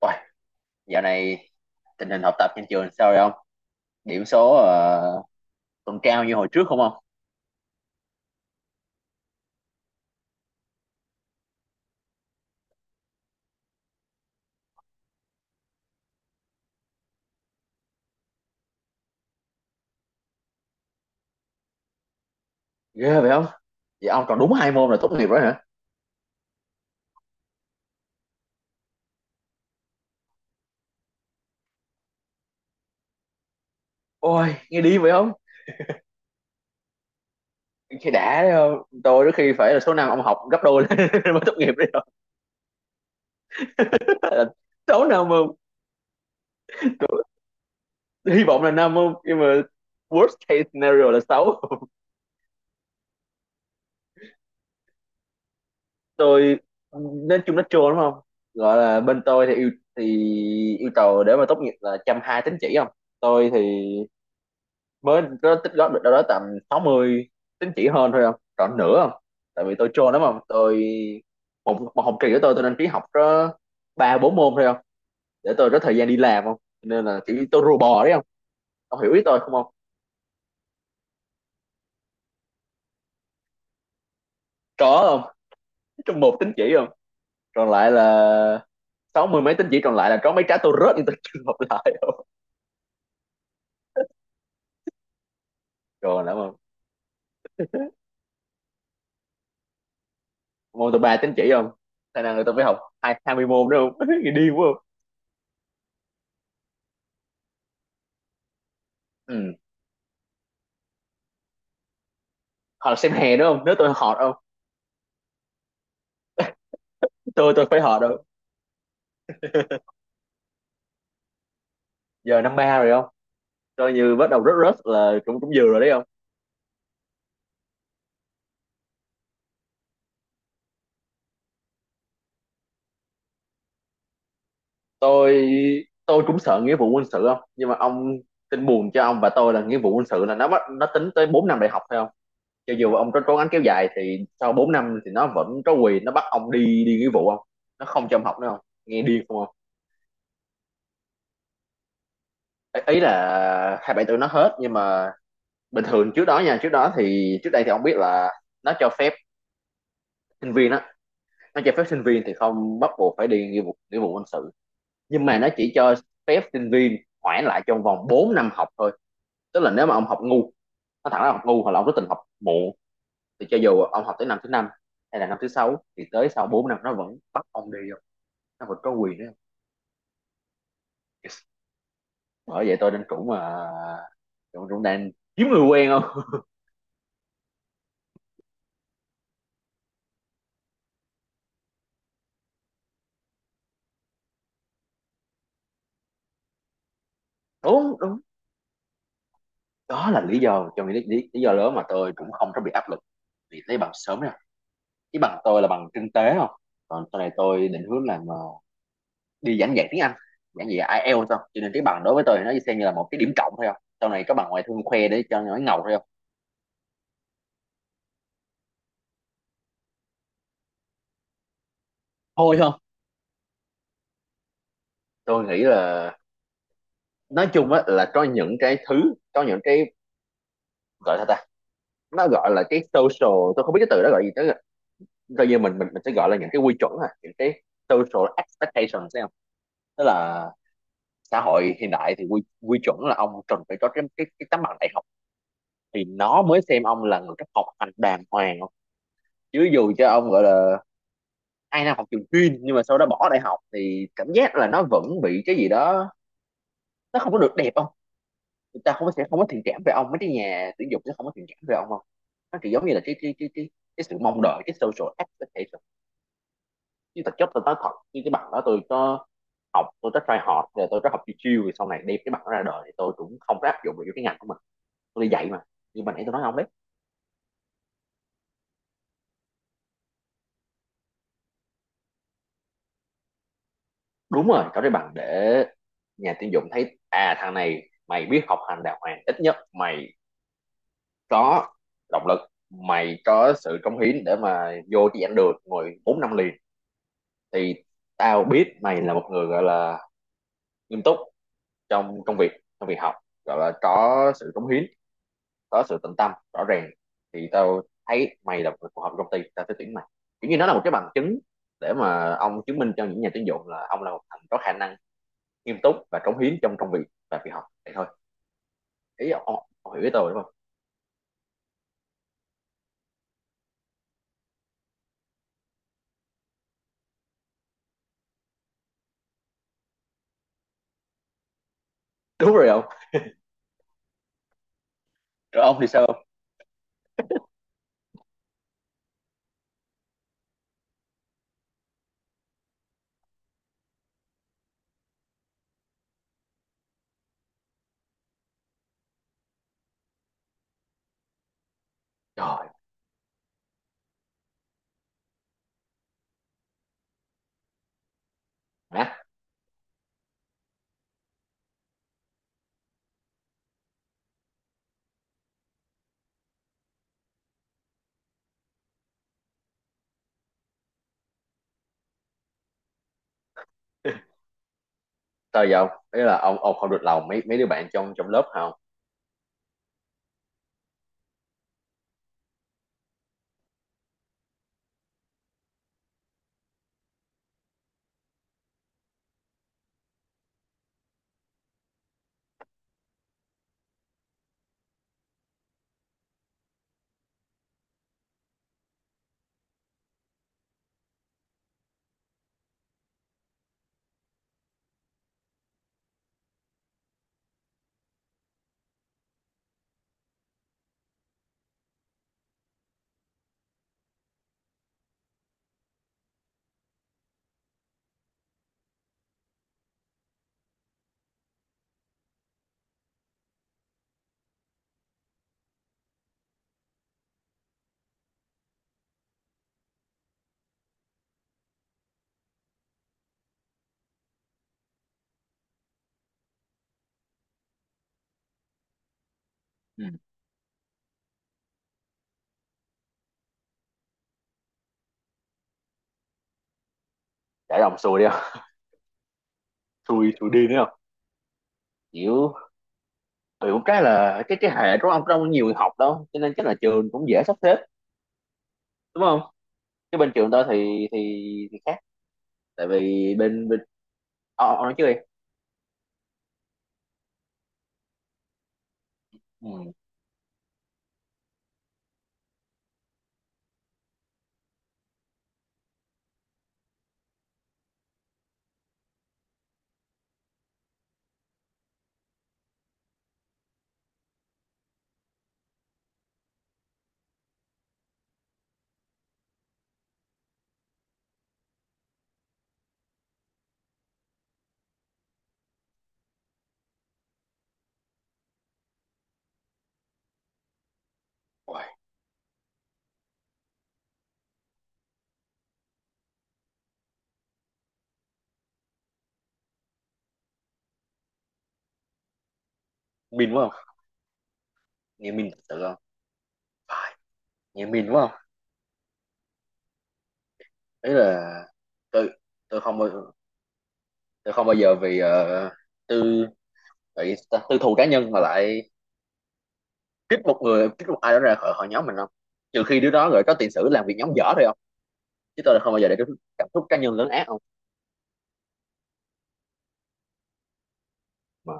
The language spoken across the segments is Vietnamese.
Uầy, dạo này tình hình học tập trên trường sao rồi ông? Điểm số còn cao như hồi trước không ông? Ghê vậy không? Vậy ông còn đúng hai môn là tốt nghiệp rồi hả? Ôi, nghe đi vậy không? Khi đã đấy không? Tôi đôi khi phải là số năm ông học gấp đôi mới tốt nghiệp đấy không? số năm mà. Hy vọng là năm không? Nhưng mà worst case scenario là sáu. Tôi nên chung nó trôi đúng không? Gọi là bên tôi thì thì yêu cầu để mà tốt nghiệp là 120 tín chỉ không? Tôi thì mới có tích góp được đâu đó tầm 60 tín chỉ hơn thôi không, còn nữa không, tại vì tôi trôn lắm không, tôi một học kỳ của tôi đăng ký học có ba bốn môn thôi không, để tôi có thời gian đi làm không, nên là chỉ tôi rùa bò đấy không. Ông hiểu ý tôi không không Có không, trong một tín chỉ không, còn lại là sáu mươi mấy tín chỉ còn lại là có mấy trái tôi rớt nhưng tôi chưa học lại không. Còn lắm không, môn tôi ba tín chỉ không, khả năng là tôi phải học hai hai mươi môn nữa không, nghĩ điên quá không. Ừ. Hoặc là xem hè nữa không nếu tôi họ không, tôi phải họ đâu, giờ năm ba rồi không, coi như bắt đầu rớt rớt là cũng cũng vừa rồi đấy không. Tôi tôi cũng sợ nghĩa vụ quân sự không, nhưng mà ông, tin buồn cho ông và tôi là nghĩa vụ quân sự là nó bắt nó tính tới 4 năm đại học phải không. Cho dù ông có cố gắng kéo dài thì sau 4 năm thì nó vẫn có quyền nó bắt ông đi đi nghĩa vụ không. Nó không cho ông học nữa không, nghe điên không không Ý là 27 tuổi nó hết nhưng mà bình thường trước đó nha trước đó thì trước đây thì ông biết là nó cho phép sinh viên á nó cho phép sinh viên thì không bắt buộc phải đi nghĩa vụ quân sự, nhưng mà nó chỉ cho phép sinh viên hoãn lại trong vòng 4 năm học thôi, tức là nếu mà ông học ngu, nó thẳng ra học ngu hoặc là ông có tình học muộn thì cho dù ông học tới năm thứ năm hay là năm thứ sáu thì tới sau 4 năm nó vẫn bắt ông đi không, nó vẫn có quyền đấy. Yes. Bởi vậy tôi đang cũng mà cũng cũng đang kiếm người quen không. Đúng đúng, đó là lý do trong lý do lớn mà tôi cũng không có bị áp lực vì lấy bằng sớm nè. Cái bằng tôi là bằng kinh tế không, còn sau này tôi định hướng làm đi giảng dạy tiếng Anh, giảng dạy IELTS thôi, cho nên cái bằng đối với tôi thì nó xem như là một cái điểm cộng thôi không, sau này có bằng ngoại thương khoe để cho nó ngầu thôi không. Thôi không. Tôi nghĩ là nói chung á là có những cái gọi là ta nó gọi là cái social, tôi không biết cái từ đó gọi gì tới, coi như mình mình sẽ gọi là những cái quy chuẩn à, những cái social expectation thấy không. Tức là xã hội hiện đại thì quy quy chuẩn là ông cần phải có cái tấm bằng đại học thì nó mới xem ông là người cấp học hành đàng hoàng không. Chứ dù cho ông gọi là 2 năm học trường chuyên nhưng mà sau đó bỏ đại học thì cảm giác là nó vẫn bị cái gì đó, nó không có được đẹp không, người ta không có, sẽ không có thiện cảm về ông, mấy cái nhà tuyển dụng sẽ không có thiện cảm về ông không. Nó kiểu giống như là cái sự mong đợi, cái social expectation. Chứ thực chất tôi nói thật, như cái bằng đó tôi có học, tôi có try hard rồi, tôi có học chiêu chiêu rồi, sau này đem cái bằng đó ra đời thì tôi cũng không có áp dụng được cái ngành của mình, tôi đi dạy mà. Nhưng mà nãy tôi nói ông đấy, đúng rồi, có cái bằng để nhà tuyển dụng thấy à thằng này mày biết học hành đàng hoàng, ít nhất mày có động lực, mày có sự cống hiến để mà vô chi ảnh được ngồi 4 năm liền thì tao biết mày là một người gọi là nghiêm túc trong công việc, trong việc học, gọi là có sự cống hiến, có sự tận tâm rõ ràng thì tao thấy mày là một người phù hợp với công ty, tao sẽ tuyển mày. Kiểu như nó là một cái bằng chứng để mà ông chứng minh cho những nhà tuyển dụng là ông là một thằng có khả năng nghiêm túc và cống hiến trong công việc và việc học vậy thôi. Ông hiểu ý tôi đúng không? Đúng rồi ông. Rồi ông thì sao không? Trời má, sao vậy ông, đấy là ông không được lòng mấy mấy đứa bạn trong trong lớp hả ông? Ừ. Để ông xui đi không, xui xui đi nữa không, kiểu kiểu cái là cái hệ của ông đâu có nhiều người học đâu, cho nên chắc là trường cũng dễ sắp xếp đúng không. Chứ bên trường tôi thì khác, tại vì bên bên ông nói trước đi. Ừ. Uầy, min quá không, nghe min thật sự không, phải, nghe min quá không, đấy là tôi tôi không bao tôi không bao giờ vì tư tại vì tư thù cá nhân mà lại kích một ai đó ra khỏi khỏi nhóm mình không, trừ khi đứa đó rồi có tiền sử làm việc nhóm dở thôi không. Chứ tôi là không bao giờ để cảm xúc cá nhân lớn ác không. Mà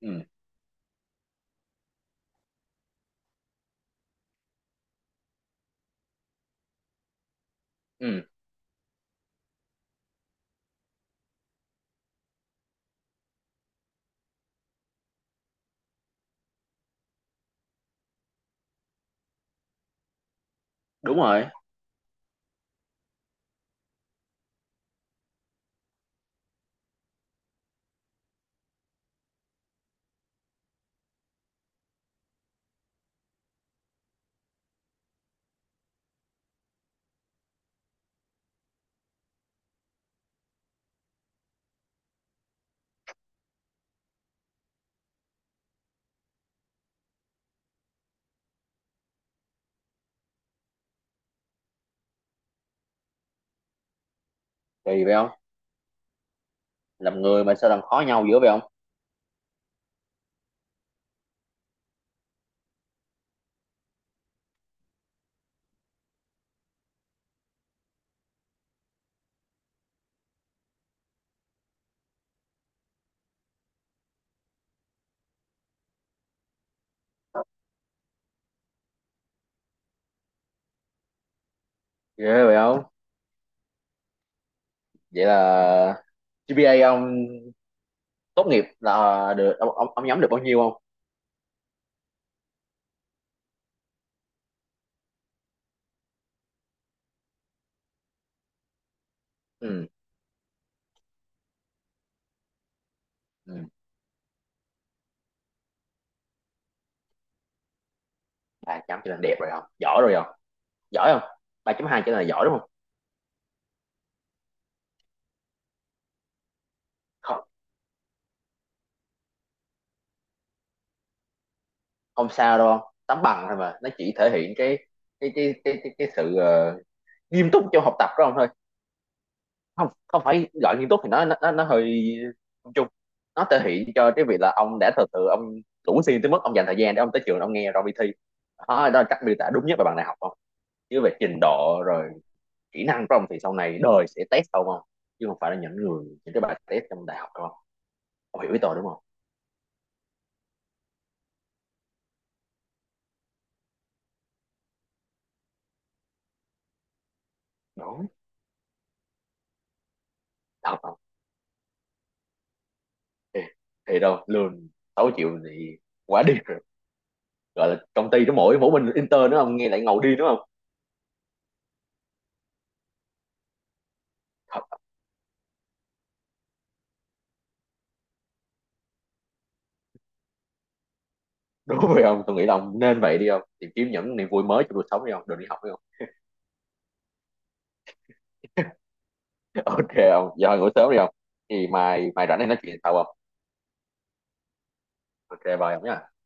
ừ ừ, đúng rồi, kỳ vậy không, làm người mà sao làm khó nhau dữ vậy không, ghê vậy không. Vậy là GPA ông tốt nghiệp là được ông nhóm được bao nhiêu không? Ừ ừ, ba chấm chỉ là đẹp rồi không, giỏi rồi không. Giỏi không, 3,2 chỉ là giỏi đúng không? Không, không sao đâu không, tấm bằng thôi mà nó chỉ thể hiện cái sự nghiêm túc trong học tập đó không thôi, không không phải gọi nghiêm túc thì nó hơi chung chung, nó thể hiện cho cái việc là ông đã thật sự ông đủ xuyên tới mức ông dành thời gian để ông tới trường ông nghe rồi đi thi. Đó, đó là cách miêu tả đúng nhất về bạn đại học không. Chứ về trình độ rồi kỹ năng của ông thì sau này đời sẽ test ông không, chứ không phải là những người, những cái bài test trong đại học không. Ông hiểu ý tôi đúng không? Đúng. Thật không? Thì, thì đâu, lương 6 triệu thì quá đi, gọi là công ty nó mỗi mỗi mình intern nữa ông nghe lại ngầu đi đúng không. Thật. Đúng rồi ông, tôi nghĩ là ông nên vậy đi ông, tìm kiếm những niềm vui mới trong cuộc sống đi ông, đừng đi học đi ông. Ok ông, giờ ngủ sớm đi ông thì mai mai rảnh này nói chuyện sau ông. Ok bye ông nhé.